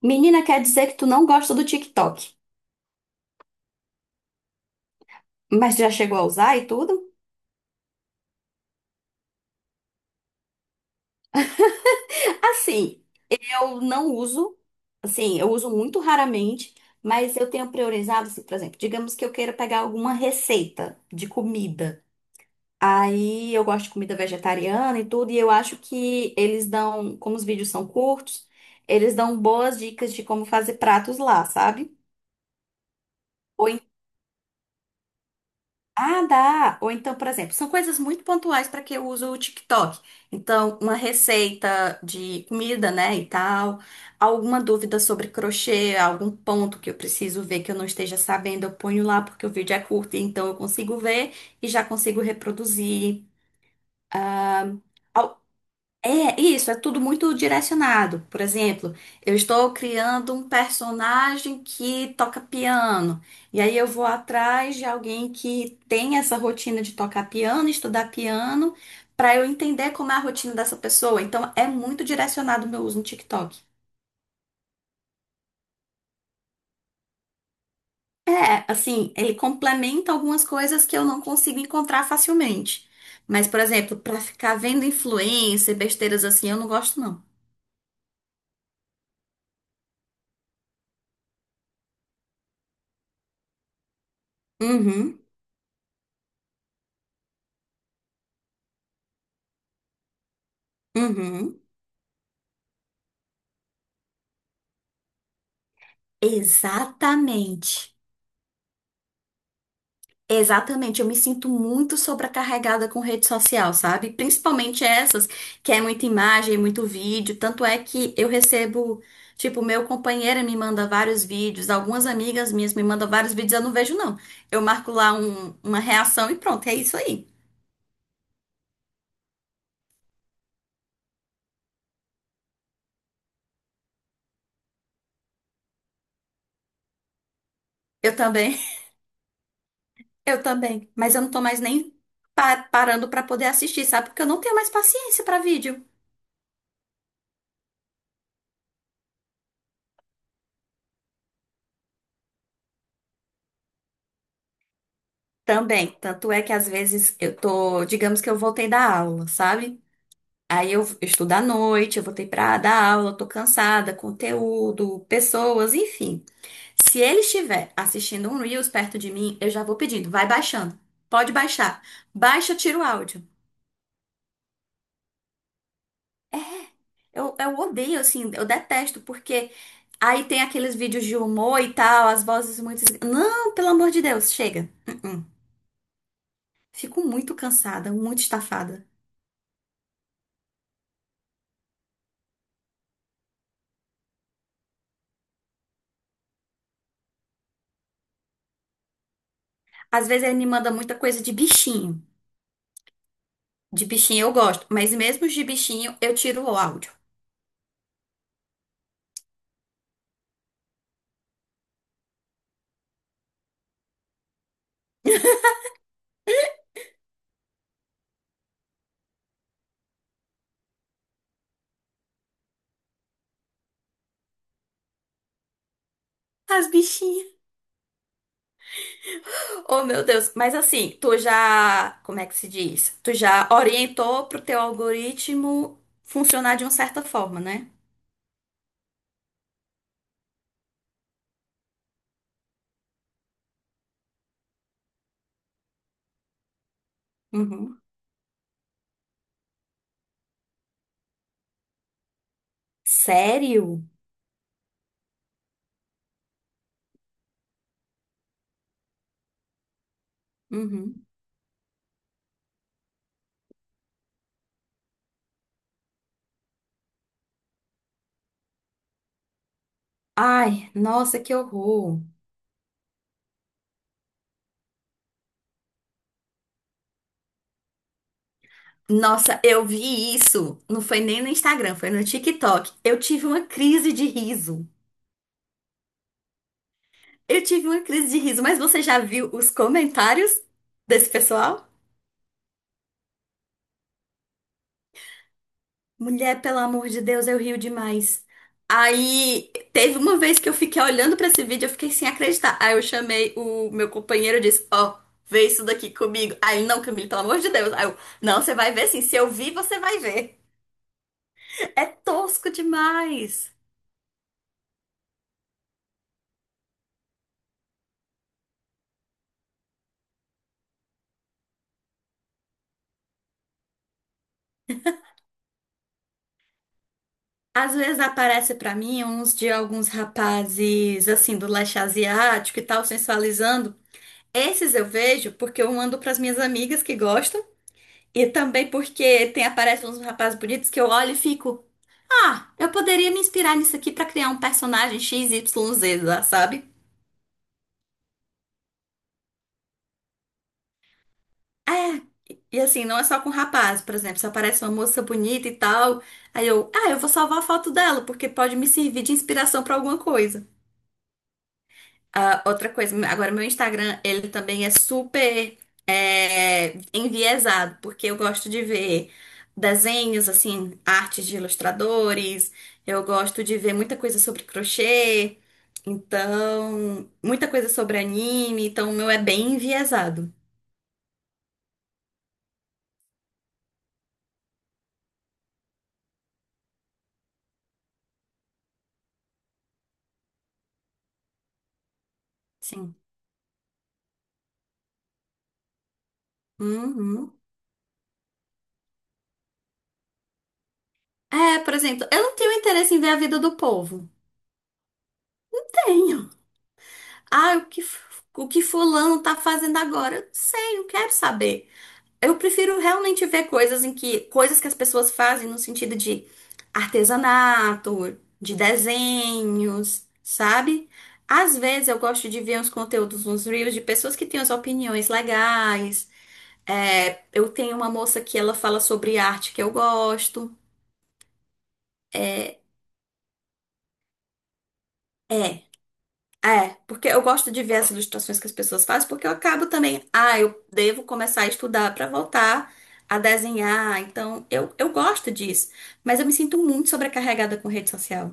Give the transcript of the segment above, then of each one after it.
Menina, quer dizer que tu não gosta do TikTok, mas já chegou a usar e tudo? Assim, eu não uso, assim, eu uso muito raramente, mas eu tenho priorizado, assim, por exemplo, digamos que eu queira pegar alguma receita de comida. Aí eu gosto de comida vegetariana e tudo, e eu acho que eles dão, como os vídeos são curtos, eles dão boas dicas de como fazer pratos lá, sabe? Ou Ah, dá. Ou então, por exemplo, são coisas muito pontuais para que eu uso o TikTok. Então, uma receita de comida, né, e tal, alguma dúvida sobre crochê, algum ponto que eu preciso ver que eu não esteja sabendo, eu ponho lá porque o vídeo é curto, então eu consigo ver e já consigo reproduzir. É isso, é tudo muito direcionado. Por exemplo, eu estou criando um personagem que toca piano. E aí eu vou atrás de alguém que tem essa rotina de tocar piano, estudar piano, para eu entender como é a rotina dessa pessoa. Então é muito direcionado o meu uso no TikTok. É, assim, ele complementa algumas coisas que eu não consigo encontrar facilmente. Mas, por exemplo, para ficar vendo influencer, besteiras assim, eu não gosto, não. Uhum, uhum. Exatamente. Exatamente, eu me sinto muito sobrecarregada com rede social, sabe? Principalmente essas que é muita imagem, muito vídeo. Tanto é que eu recebo, tipo, meu companheiro me manda vários vídeos, algumas amigas minhas me mandam vários vídeos, eu não vejo, não. Eu marco lá uma reação e pronto, é isso aí. Eu também, eu também. Mas eu não tô mais nem parando pra poder assistir, sabe? Porque eu não tenho mais paciência pra vídeo. Também, tanto é que às vezes eu tô, digamos que eu voltei da aula, sabe? Aí eu estudo à noite, eu voltei pra dar aula, eu tô cansada, conteúdo, pessoas, enfim. Se ele estiver assistindo um Reels perto de mim, eu já vou pedindo, vai baixando. Pode baixar. Baixa, tira o áudio. É, eu odeio, assim, eu detesto, porque aí tem aqueles vídeos de humor e tal, as vozes muito. Não, pelo amor de Deus, chega. Uh-uh. Fico muito cansada, muito estafada. Às vezes ele me manda muita coisa de bichinho. De bichinho eu gosto, mas mesmo de bichinho eu tiro o áudio. As bichinhas. Oh, meu Deus. Mas assim, tu já, como é que se diz? Tu já orientou pro teu algoritmo funcionar de uma certa forma, né? Uhum. Sério? Uhum. Ai, nossa, que horror. Nossa, eu vi isso. Não foi nem no Instagram, foi no TikTok. Eu tive uma crise de riso. Eu tive uma crise de riso, mas você já viu os comentários desse pessoal? Mulher, pelo amor de Deus, eu rio demais. Aí teve uma vez que eu fiquei olhando pra esse vídeo, eu fiquei sem acreditar. Aí eu chamei o meu companheiro e disse: Ó, vê isso daqui comigo. Aí ele, não, Camille, pelo amor de Deus. Aí eu, não, você vai ver sim. Se eu vi, você vai ver. É tosco demais. Às vezes aparece pra mim uns de alguns rapazes assim do leste asiático e tal, sensualizando. Esses eu vejo porque eu mando pras minhas amigas que gostam e também porque tem aparecem uns rapazes bonitos que eu olho e fico, ah, eu poderia me inspirar nisso aqui pra criar um personagem XYZ lá, sabe? É, e assim, não é só com rapaz, por exemplo, se aparece uma moça bonita e tal, aí eu, ah, eu vou salvar a foto dela porque pode me servir de inspiração pra alguma coisa. Ah, outra coisa, agora meu Instagram, ele também é super é, enviesado, porque eu gosto de ver desenhos, assim, artes de ilustradores, eu gosto de ver muita coisa sobre crochê, então, muita coisa sobre anime, então o meu é bem enviesado. Sim. Uhum. É, por exemplo, eu não tenho interesse em ver a vida do povo. Tenho. Ah, o que, o que fulano tá fazendo agora? Eu não sei, não quero saber. Eu prefiro realmente ver coisas em que coisas que as pessoas fazem no sentido de artesanato, de desenhos, sabe? Às vezes eu gosto de ver uns conteúdos nos reels de pessoas que têm as opiniões legais. É, eu tenho uma moça que ela fala sobre arte que eu gosto. É. É, porque eu gosto de ver as ilustrações que as pessoas fazem, porque eu acabo também, ah, eu devo começar a estudar para voltar a desenhar. Então, eu gosto disso, mas eu me sinto muito sobrecarregada com rede social.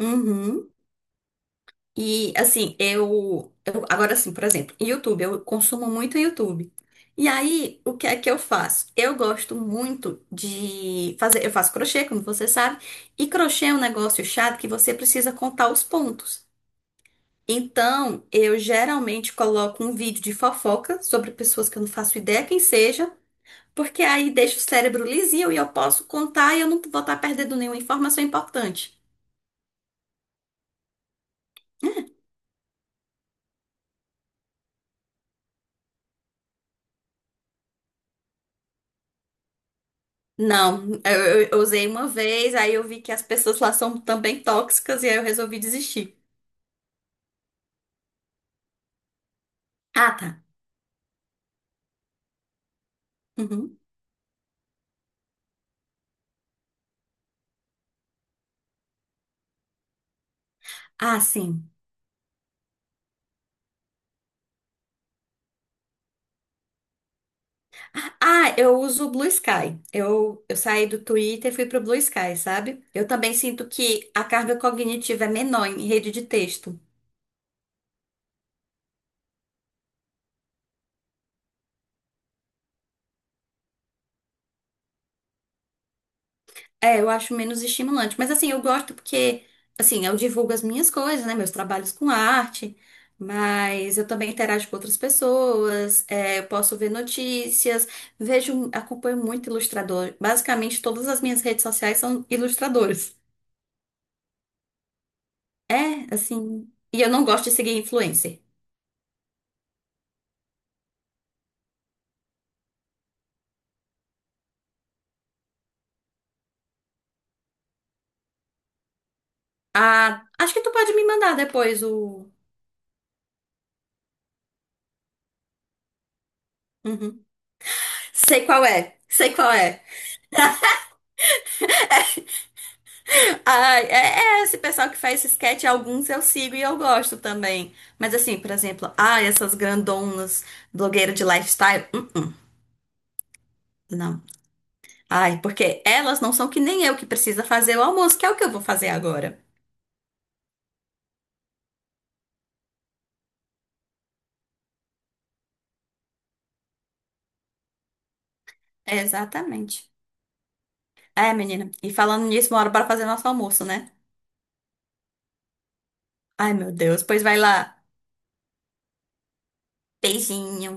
Uhum. E assim, eu agora assim, por exemplo, YouTube, eu consumo muito YouTube. E aí, o que é que eu faço? Eu gosto muito de fazer, eu faço crochê, como você sabe, e crochê é um negócio chato que você precisa contar os pontos. Então, eu geralmente coloco um vídeo de fofoca sobre pessoas que eu não faço ideia quem seja, porque aí deixa o cérebro lisinho e eu posso contar e eu não vou estar perdendo nenhuma informação importante. Não, eu, eu usei uma vez, aí eu vi que as pessoas lá são também tóxicas e aí eu resolvi desistir. Ah, tá. Uhum. Ah, sim. Ah, eu uso o Blue Sky. Eu saí do Twitter e fui pro Blue Sky, sabe? Eu também sinto que a carga cognitiva é menor em rede de texto. É, eu acho menos estimulante. Mas assim, eu gosto porque, assim, eu divulgo as minhas coisas, né? Meus trabalhos com arte, mas eu também interajo com outras pessoas, é, eu posso ver notícias, vejo, acompanho muito ilustrador. Basicamente, todas as minhas redes sociais são ilustradores. É, assim. E eu não gosto de seguir influencer. Ah, acho que tu pode me mandar depois o. Uhum. Sei qual é. Sei qual é. Ah, é, é, esse pessoal que faz esse sketch, alguns eu sigo e eu gosto também. Mas assim, por exemplo, ah, essas grandonas, blogueiras de lifestyle, não. Ai, porque elas não são que nem eu que precisa fazer o almoço, que é o que eu vou fazer agora. Exatamente. É, menina. E falando nisso, uma hora para fazer nosso almoço, né? Ai, meu Deus. Pois vai lá. Beijinho.